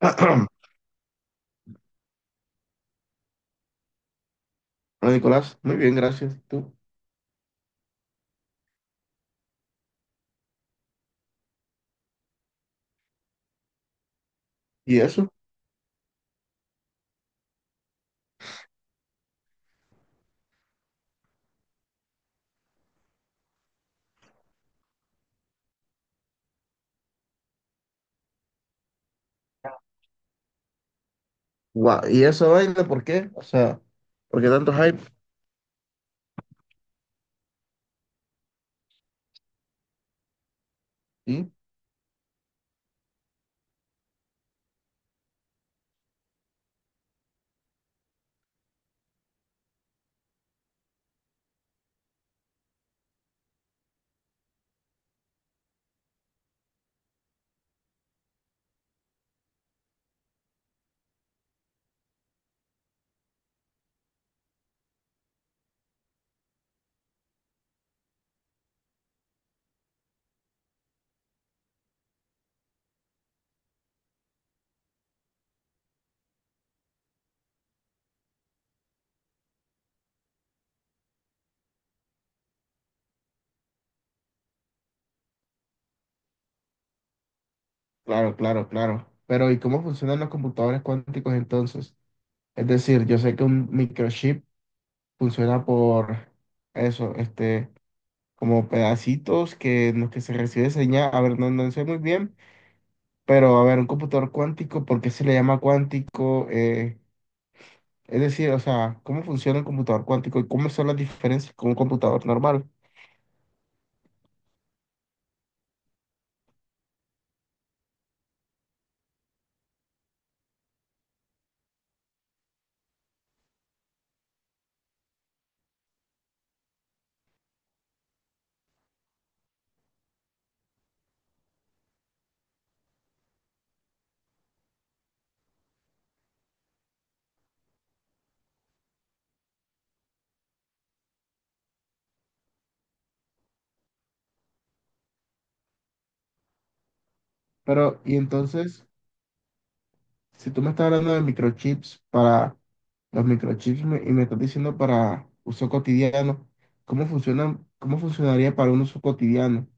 Hola, Nicolás, muy bien, gracias. ¿Tú? ¿Y eso? ¿Y eso vaina por qué? O sea, ¿por qué tanto hype? Sí, claro, claro, claro. Pero ¿y cómo funcionan los computadores cuánticos entonces? Es decir, yo sé que un microchip funciona por eso, este, como pedacitos que en los que se recibe señal. A ver, no, no sé muy bien, pero a ver, un computador cuántico, ¿por qué se le llama cuántico? Es decir, o sea, ¿cómo funciona el computador cuántico y cómo son las diferencias con un computador normal? Pero, y entonces, si tú me estás hablando de microchips para los microchips y me estás diciendo para uso cotidiano, ¿cómo funcionan, cómo funcionaría para un uso cotidiano?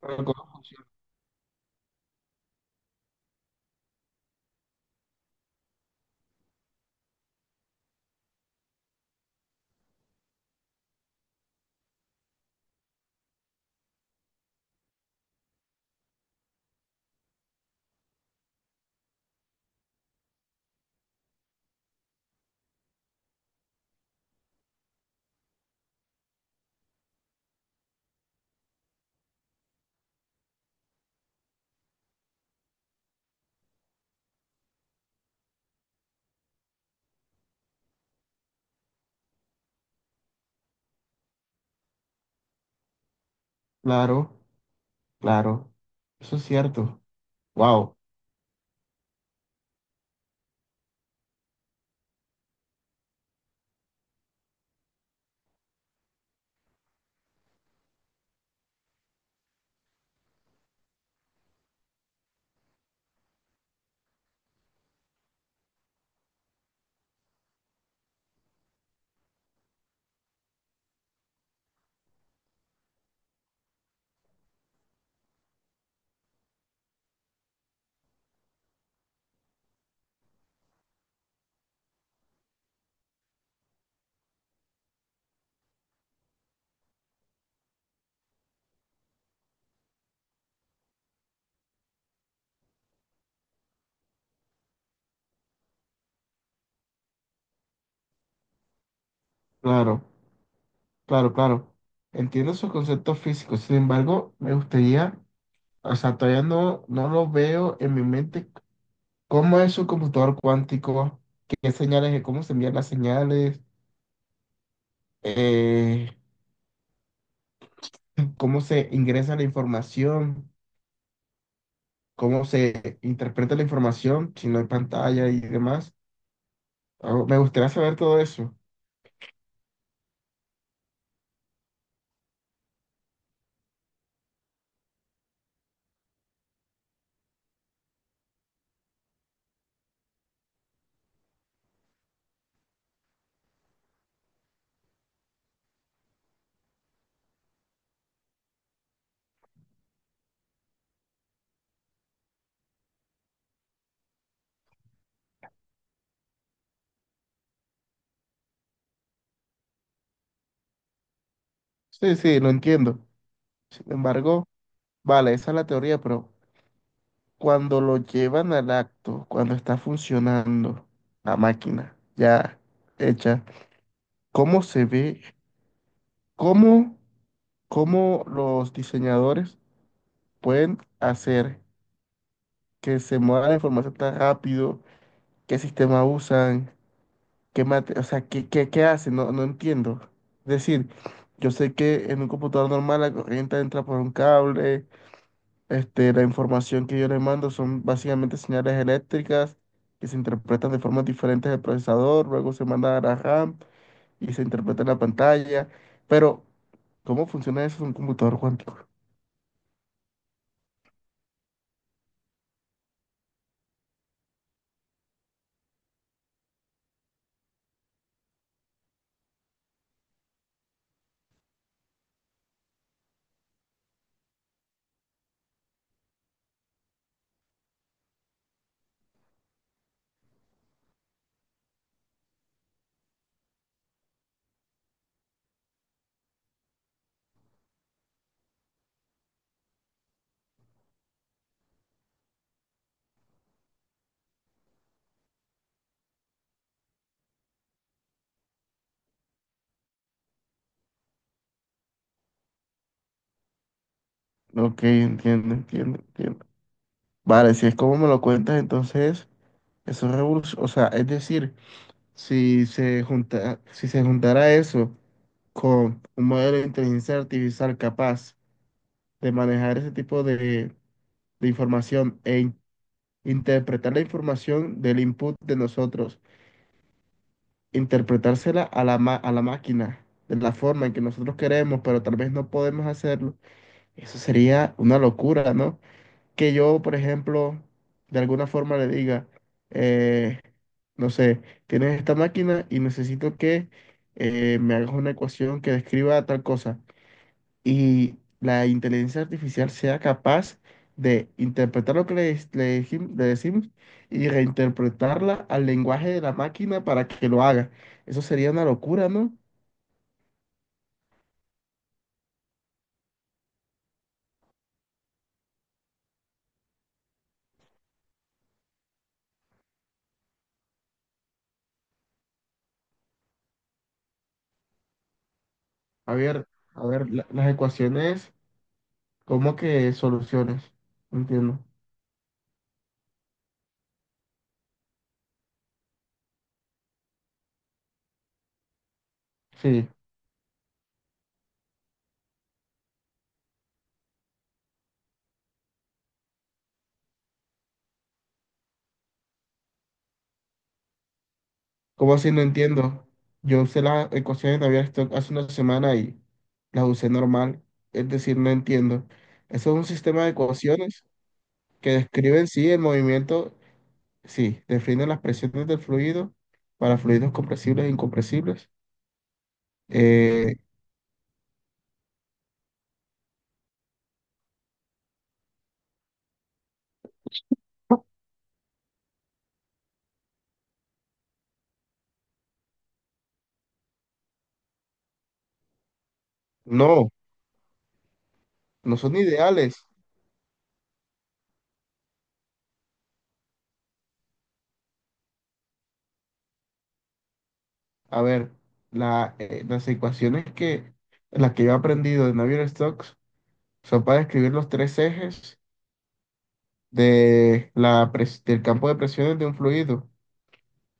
Pero ¿cómo funciona? Claro, claro, eso es cierto. Wow, claro, claro, claro. Entiendo esos conceptos físicos, sin embargo, me gustaría, o sea, todavía no, no lo veo en mi mente, cómo es un computador cuántico, qué señales, cómo se envían las señales. Eh, Cómo se ingresa la información, cómo se interpreta la información, si no hay pantalla y demás. Ah, me gustaría saber todo eso. Sí, sí, lo entiendo. Sin embargo, vale, esa es la teoría, pero cuando lo llevan al acto, cuando está funcionando la máquina ya hecha, ¿cómo se ve? ¿Cómo, cómo los diseñadores pueden hacer que se mueva la información tan rápido? ¿Qué sistema usan? O sea, ¿qué hace? No, no entiendo. Es decir, yo sé que en un computador normal la corriente entra por un cable, este, la información que yo le mando son básicamente señales eléctricas que se interpretan de formas diferentes al procesador, luego se manda a la RAM y se interpreta en la pantalla. Pero, ¿cómo funciona eso en un computador cuántico? Ok, entiendo, entiendo, entiendo. Vale, si es como me lo cuentas, entonces, eso es revolución, o sea, es decir... Si se junta, si se juntara eso con un modelo de inteligencia artificial capaz de manejar ese tipo de información e interpretar la información del input de nosotros, interpretársela a la máquina de la forma en que nosotros queremos, pero tal vez no podemos hacerlo, eso sería una locura, ¿no? Que yo, por ejemplo, de alguna forma le diga, eh, no sé, tienes esta máquina y necesito que me hagas una ecuación que describa tal cosa. Y la inteligencia artificial sea capaz de interpretar lo que le decimos y reinterpretarla al lenguaje de la máquina para que lo haga. Eso sería una locura, ¿no? A ver, a ver, las ecuaciones, ¿cómo que soluciones? No entiendo. Sí. ¿Cómo así? No entiendo. Yo usé las ecuaciones de Navier Stokes hace una semana y las usé normal. Es decir, no entiendo. Eso es un sistema de ecuaciones que describen, sí, el movimiento, sí, definen las presiones del fluido para fluidos compresibles e incompresibles. Eh, no, no son ideales. A ver, las ecuaciones que, las que yo he aprendido de Navier-Stokes son para describir los tres ejes de la del campo de presiones de un fluido.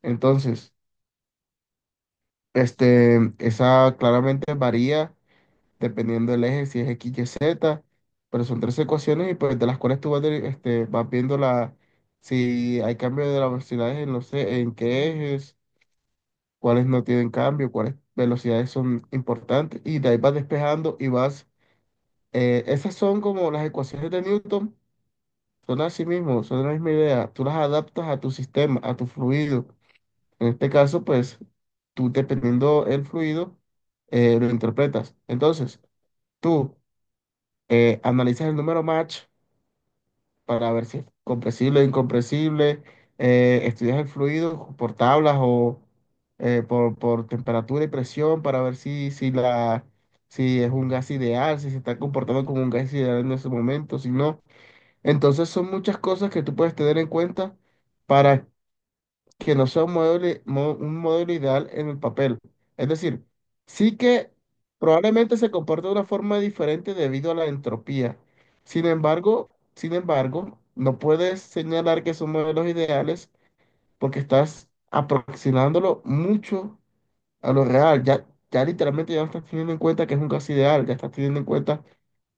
Entonces, este, esa claramente varía dependiendo del eje, si es X, Y, Z, pero son tres ecuaciones y pues de las cuales tú vas, este, vas viendo la, si hay cambio de la velocidad en, no sé en qué ejes, cuáles no tienen cambio, cuáles velocidades son importantes y de ahí vas despejando y vas, esas son como las ecuaciones de Newton, son así mismo, son la misma idea, tú las adaptas a tu sistema, a tu fluido. En este caso, pues tú dependiendo el fluido, lo interpretas. Entonces, tú analizas el número match para ver si es compresible o incompresible, estudias el fluido por tablas o por temperatura y presión para ver si es un gas ideal, si se está comportando como un gas ideal en ese momento, si no. Entonces, son muchas cosas que tú puedes tener en cuenta para que no sea un un modelo ideal en el papel. Es decir, sí que probablemente se comporta de una forma diferente debido a la entropía. Sin embargo, sin embargo, no puedes señalar que son modelos ideales porque estás aproximándolo mucho a lo real. Ya, ya literalmente ya no estás teniendo en cuenta que es un gas ideal, ya estás teniendo en cuenta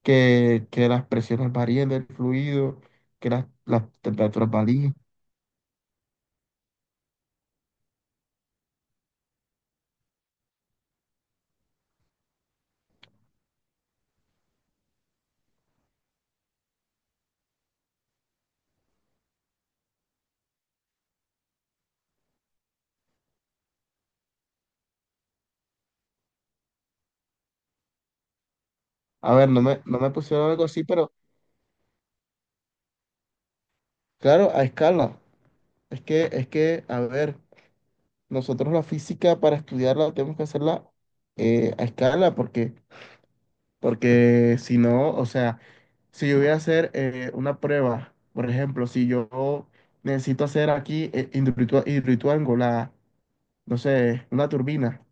que las presiones varíen del fluido, que las temperaturas varíen. A ver, no me pusieron algo así, pero claro, a escala. Es que, a ver, nosotros la física para estudiarla tenemos que hacerla a escala, porque, si no, o sea, si yo voy a hacer una prueba, por ejemplo, si yo necesito hacer aquí hidroituango, no sé, una turbina,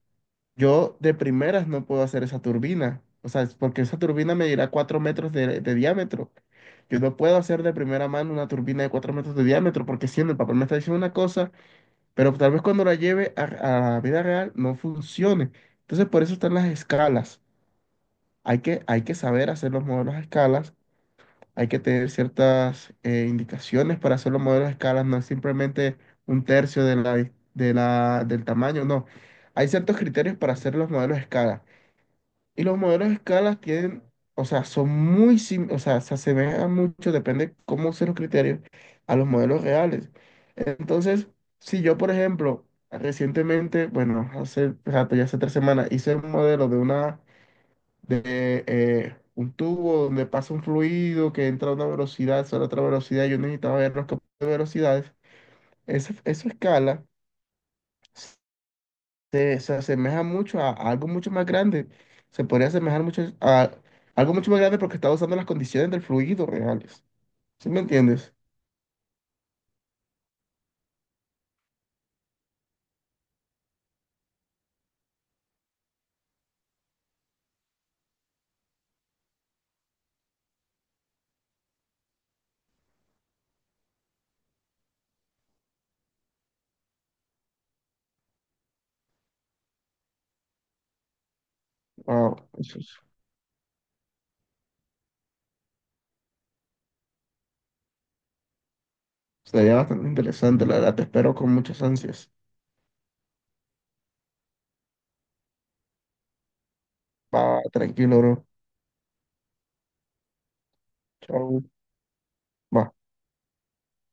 yo de primeras no puedo hacer esa turbina. O sea, es porque esa turbina medirá 4 metros de diámetro. Yo no puedo hacer de primera mano una turbina de 4 metros de diámetro porque si en el papel me está diciendo una cosa, pero tal vez cuando la lleve a la vida real no funcione. Entonces por eso están las escalas. Hay que saber hacer los modelos a escalas, hay que tener ciertas indicaciones para hacer los modelos a escalas, no es simplemente un tercio del tamaño, no. Hay ciertos criterios para hacer los modelos a escala. Y los modelos de escalas tienen, o sea, son muy, o sea, se asemejan mucho, depende cómo usen los criterios, a los modelos reales. Entonces, si yo, por ejemplo, recientemente, bueno, hace rato, ya hace 3 semanas, hice un modelo de un tubo donde pasa un fluido que entra a una velocidad, sale a otra velocidad, yo necesitaba ver los campos de velocidades. Esa escala se asemeja mucho a algo mucho más grande. Se podría asemejar mucho a algo mucho más grande porque está usando las condiciones del fluido reales. ¿Sí me entiendes? Wow, sería bastante interesante, la verdad. Te espero con muchas ansias. Va, tranquilo, bro. Chao. Va.